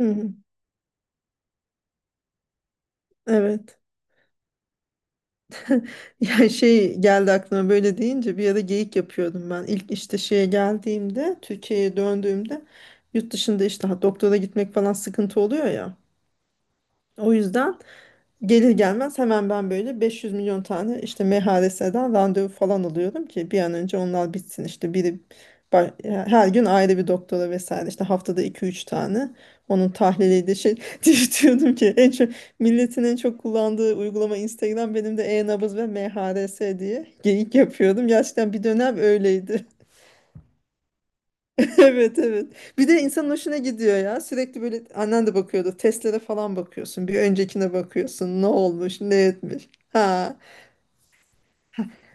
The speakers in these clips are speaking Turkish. Hı hı. Evet. Yani şey geldi aklıma böyle deyince bir ara geyik yapıyordum ben. İlk işte şeye geldiğimde Türkiye'ye döndüğümde yurt dışında işte doktora gitmek falan sıkıntı oluyor ya. O yüzden gelir gelmez hemen ben böyle 500 milyon tane işte MHRS'den randevu falan alıyorum ki bir an önce onlar bitsin. İşte biri her gün ayrı bir doktora vesaire işte haftada iki üç tane onun tahliliydi şey diye diyordum ki en çok milletin en çok kullandığı uygulama Instagram, benim de e-nabız ve MHRS diye geyik yapıyordum. Gerçekten bir dönem öyleydi. Evet, evet. Bir de insanın hoşuna gidiyor ya. Sürekli böyle annen de bakıyordu. Testlere falan bakıyorsun. Bir öncekine bakıyorsun. Ne olmuş, ne etmiş. Ha,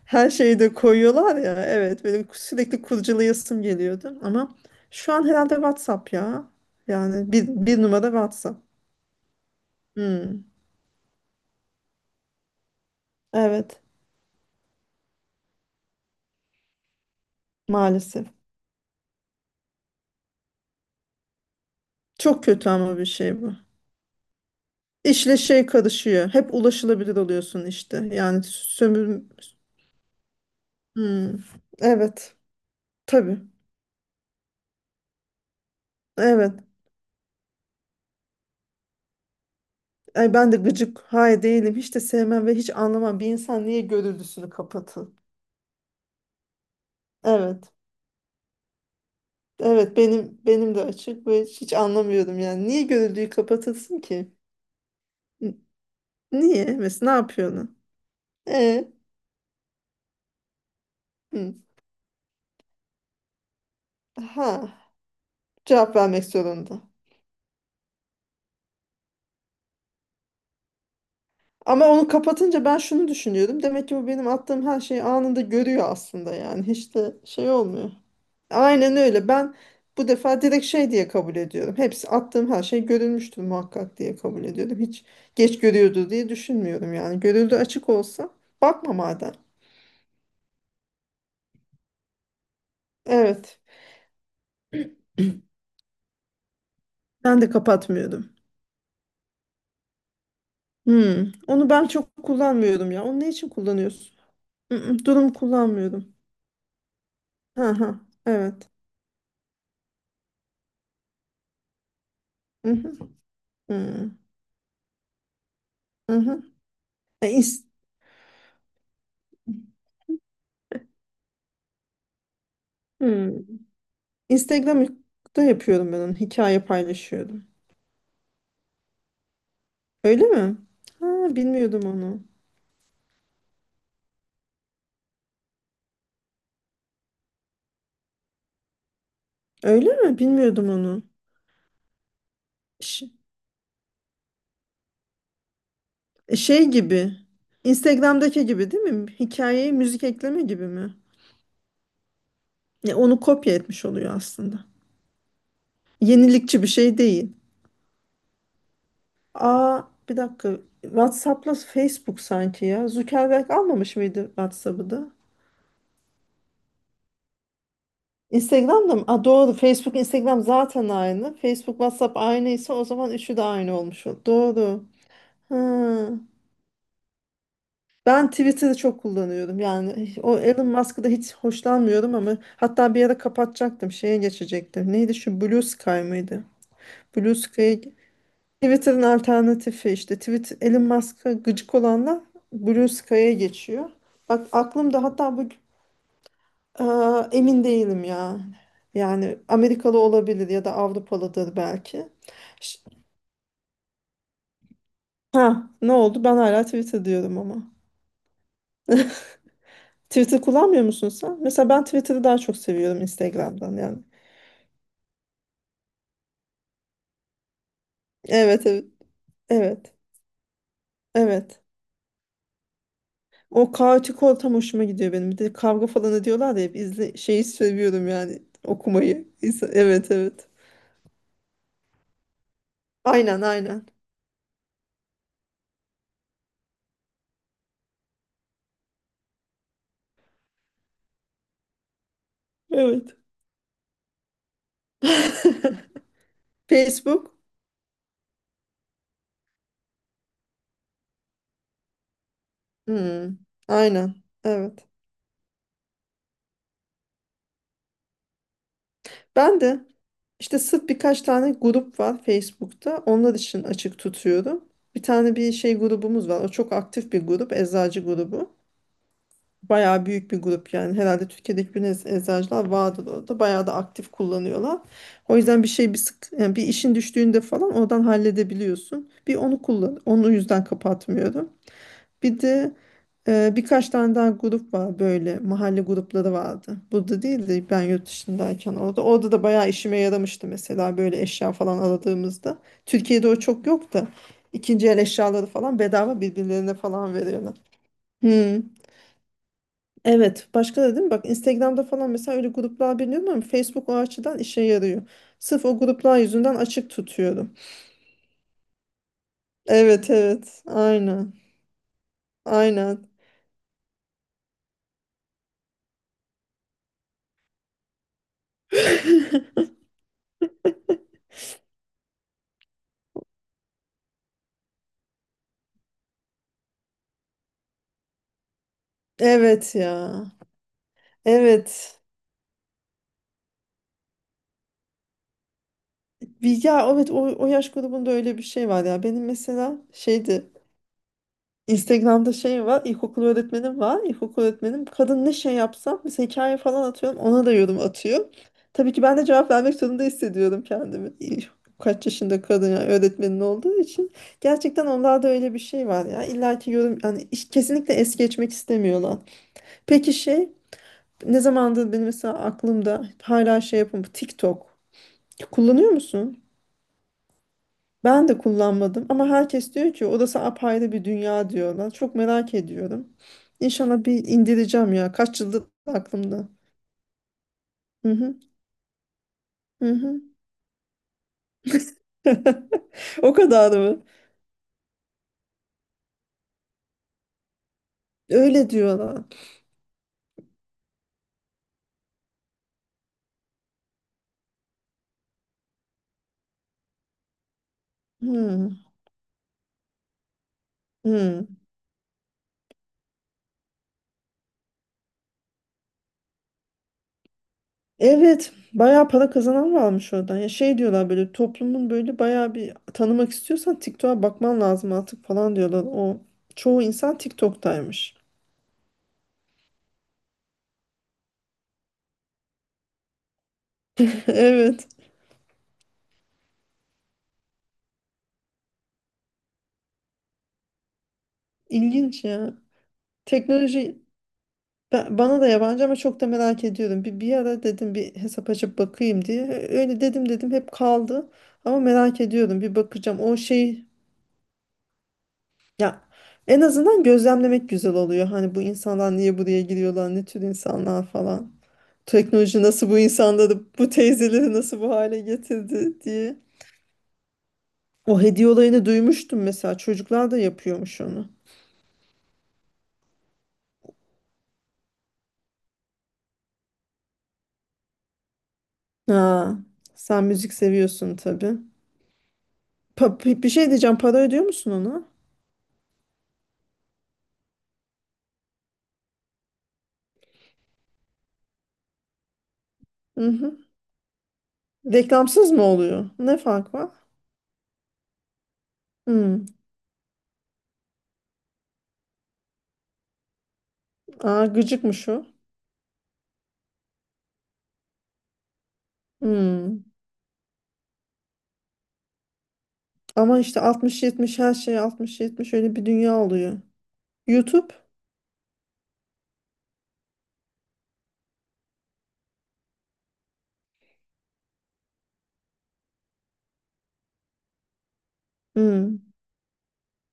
her şeyi de koyuyorlar ya. Evet, benim sürekli kurcalayasım geliyordu. Ama şu an herhalde WhatsApp ya. Yani bir numara WhatsApp. Hmm. Evet, maalesef. Çok kötü ama bir şey bu. İşle şey karışıyor. Hep ulaşılabilir oluyorsun işte. Yani sömür... Hmm. Evet, tabii. Evet. Ay ben de gıcık hay değilim. Hiç de sevmem ve hiç anlamam. Bir insan niye gönüllüsünü kapatın? Evet. Evet benim de açık ve hiç anlamıyorum yani. Niye gönüllüyü kapatasın ki? N- Niye? Mesela ne yapıyorlar? E, hı. Ha, cevap vermek zorunda. Ama onu kapatınca ben şunu düşünüyorum. Demek ki bu benim attığım her şeyi anında görüyor aslında yani. Hiç de şey olmuyor. Aynen öyle. Ben bu defa direkt şey diye kabul ediyorum. Hepsi attığım her şey görülmüştür muhakkak diye kabul ediyorum. Hiç geç görüyordu diye düşünmüyorum yani. Görüldü açık olsa bakma madem. Evet. Ben de kapatmıyorum. Hmm. Onu ben çok kullanmıyorum ya. Onu ne için kullanıyorsun? Mm-mm, durum kullanmıyorum. Hı hı. Evet. Hı hı. Hı hı. E, ins- hmm. Instagram'da yapıyorum ben onu. Hikaye paylaşıyorum. Öyle mi? Ha, bilmiyordum onu. Öyle mi? Bilmiyordum onu. Ş- Şey gibi. Instagram'daki gibi değil mi? Hikayeye müzik ekleme gibi mi? Ya onu kopya etmiş oluyor aslında. Yenilikçi bir şey değil. Aa, bir dakika. WhatsApp'la Facebook sanki ya. Zuckerberg almamış mıydı WhatsApp'ı da? Instagram'da mı? Aa, doğru. Facebook, Instagram zaten aynı. Facebook, WhatsApp aynıysa o zaman üçü de aynı olmuş. Doğru. Ha. Ben Twitter'ı çok kullanıyorum. Yani o Elon Musk'ı da hiç hoşlanmıyorum ama hatta bir ara kapatacaktım. Şeye geçecektim. Neydi şu Blue Sky mıydı? Blue Sky Twitter'ın alternatifi işte. Twitter, Elon Musk'a gıcık olanlar Blue Sky'a geçiyor. Bak aklımda hatta bu... Aa, emin değilim ya. Yani Amerikalı olabilir ya da Avrupalıdır belki. Ş- Ha, ne oldu? Ben hala Twitter diyorum ama. Twitter kullanmıyor musun sen? Mesela ben Twitter'ı daha çok seviyorum Instagram'dan. Yani evet, evet. Evet. Evet. O kaotik ortam hoşuma gidiyor benim. Bir de kavga falan ediyorlar da hep izle şeyi seviyorum yani okumayı. Evet, evet. Aynen, aynen. Evet. Facebook. Hmm, aynen. Evet. Ben de işte sırf birkaç tane grup var Facebook'ta. Onlar için açık tutuyorum. Bir tane bir şey grubumuz var. O çok aktif bir grup. Eczacı grubu. Bayağı büyük bir grup yani. Herhalde Türkiye'de hiçbir eczacılar vardır orada. Bayağı da aktif kullanıyorlar. O yüzden bir şey bir sık yani bir işin düştüğünde falan oradan halledebiliyorsun. Bir onu kullan. Onu yüzden kapatmıyorum. Bir de birkaç tane daha grup var, böyle mahalle grupları vardı. Burada değil de ben yurt dışındayken orada. Orada da bayağı işime yaramıştı mesela böyle eşya falan aradığımızda. Türkiye'de o çok yok da ikinci el eşyaları falan bedava birbirlerine falan veriyorlar. Hmm. Evet, başka da değil mi? Bak Instagram'da falan mesela öyle gruplar biliyorum ama Facebook o açıdan işe yarıyor. Sırf o gruplar yüzünden açık tutuyorum. Evet, evet. Aynen. Aynen. Evet ya. Evet. Ya evet, o yaş grubunda öyle bir şey var ya. Benim mesela şeydi, Instagram'da şey var, ilkokul öğretmenim var. İlkokul öğretmenim kadın, ne şey yapsam, mesela hikaye falan atıyorum, ona da yorum atıyor. Tabii ki ben de cevap vermek zorunda hissediyorum kendimi. İyi, kaç yaşında kadın yani, öğretmenin olduğu için. Gerçekten onlarda öyle bir şey var ya. İlla ki yorum, yani kesinlikle es geçmek istemiyorlar. Peki şey, ne zamandır benim mesela aklımda hala şey yapım, TikTok. Kullanıyor musun? Ben de kullanmadım ama herkes diyor ki odası apayrı bir dünya diyorlar. Çok merak ediyorum. İnşallah bir indireceğim ya. Kaç yıldır aklımda. Hı hı, hı hı. O kadar mı? Öyle diyorlar. Hı, hı. Evet, bayağı para kazanan varmış oradan. Ya şey diyorlar, böyle toplumun böyle bayağı bir tanımak istiyorsan TikTok'a bakman lazım artık falan diyorlar. O çoğu insan TikTok'taymış. Evet, ilginç ya. Teknoloji... bana da yabancı ama çok da merak ediyorum. Bir ara dedim bir hesap açıp bakayım diye. Öyle dedim hep kaldı. Ama merak ediyorum, bir bakacağım. O şey ya, en azından gözlemlemek güzel oluyor. Hani bu insanlar niye buraya giriyorlar, ne tür insanlar falan. Teknoloji nasıl bu insanları, bu teyzeleri nasıl bu hale getirdi diye. O hediye olayını duymuştum mesela. Çocuklar da yapıyormuş onu. Ha, sen müzik seviyorsun tabii. Bir şey diyeceğim. Para ödüyor musun ona? Hı. Reklamsız mı oluyor? Ne fark var? Hmm. Aa, gıcıkmış o. Hmm. Ama işte 60-70, her şey 60-70, öyle bir dünya oluyor. YouTube? Hmm.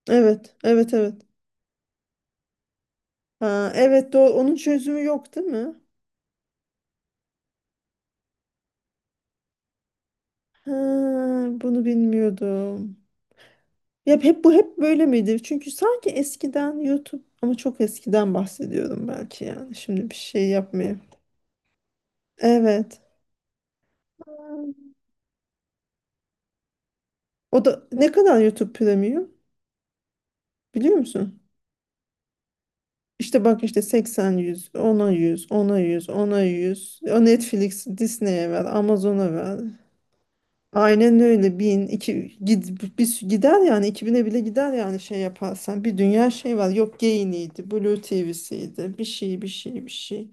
Evet, evet, evet. Ha, evet, doğru. Onun çözümü yok değil mi? Ha, bunu bilmiyordum. Ya hep bu hep böyle miydi? Çünkü sanki eskiden YouTube, ama çok eskiden bahsediyorum belki yani. Şimdi bir şey yapmayayım. Evet. O da ne kadar YouTube Premium? Biliyor musun? İşte bak işte 80 100, 10'a 100, 10'a 100, 10'a 100. O Netflix, Disney'e ver, Amazon'a ver. Aynen öyle, bin 2 bir, gider yani, 2000'e bile gider yani şey yaparsan. Bir dünya şey var. Yok Gain'iydi, Blue TV'siydi. Bir şey, bir şey, bir şey.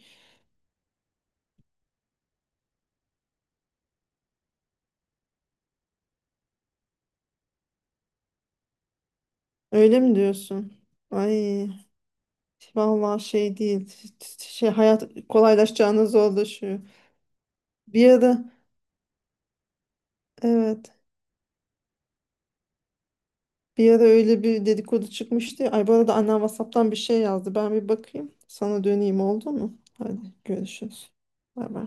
Öyle mi diyorsun? Ay vallahi şey değil. Şey, hayat kolaylaşacağına zorlaşıyor. Bir ara evet. Bir ara öyle bir dedikodu çıkmıştı ya. Ay bu arada annem WhatsApp'tan bir şey yazdı. Ben bir bakayım. Sana döneyim oldu mu? Hadi görüşürüz. Bay bay.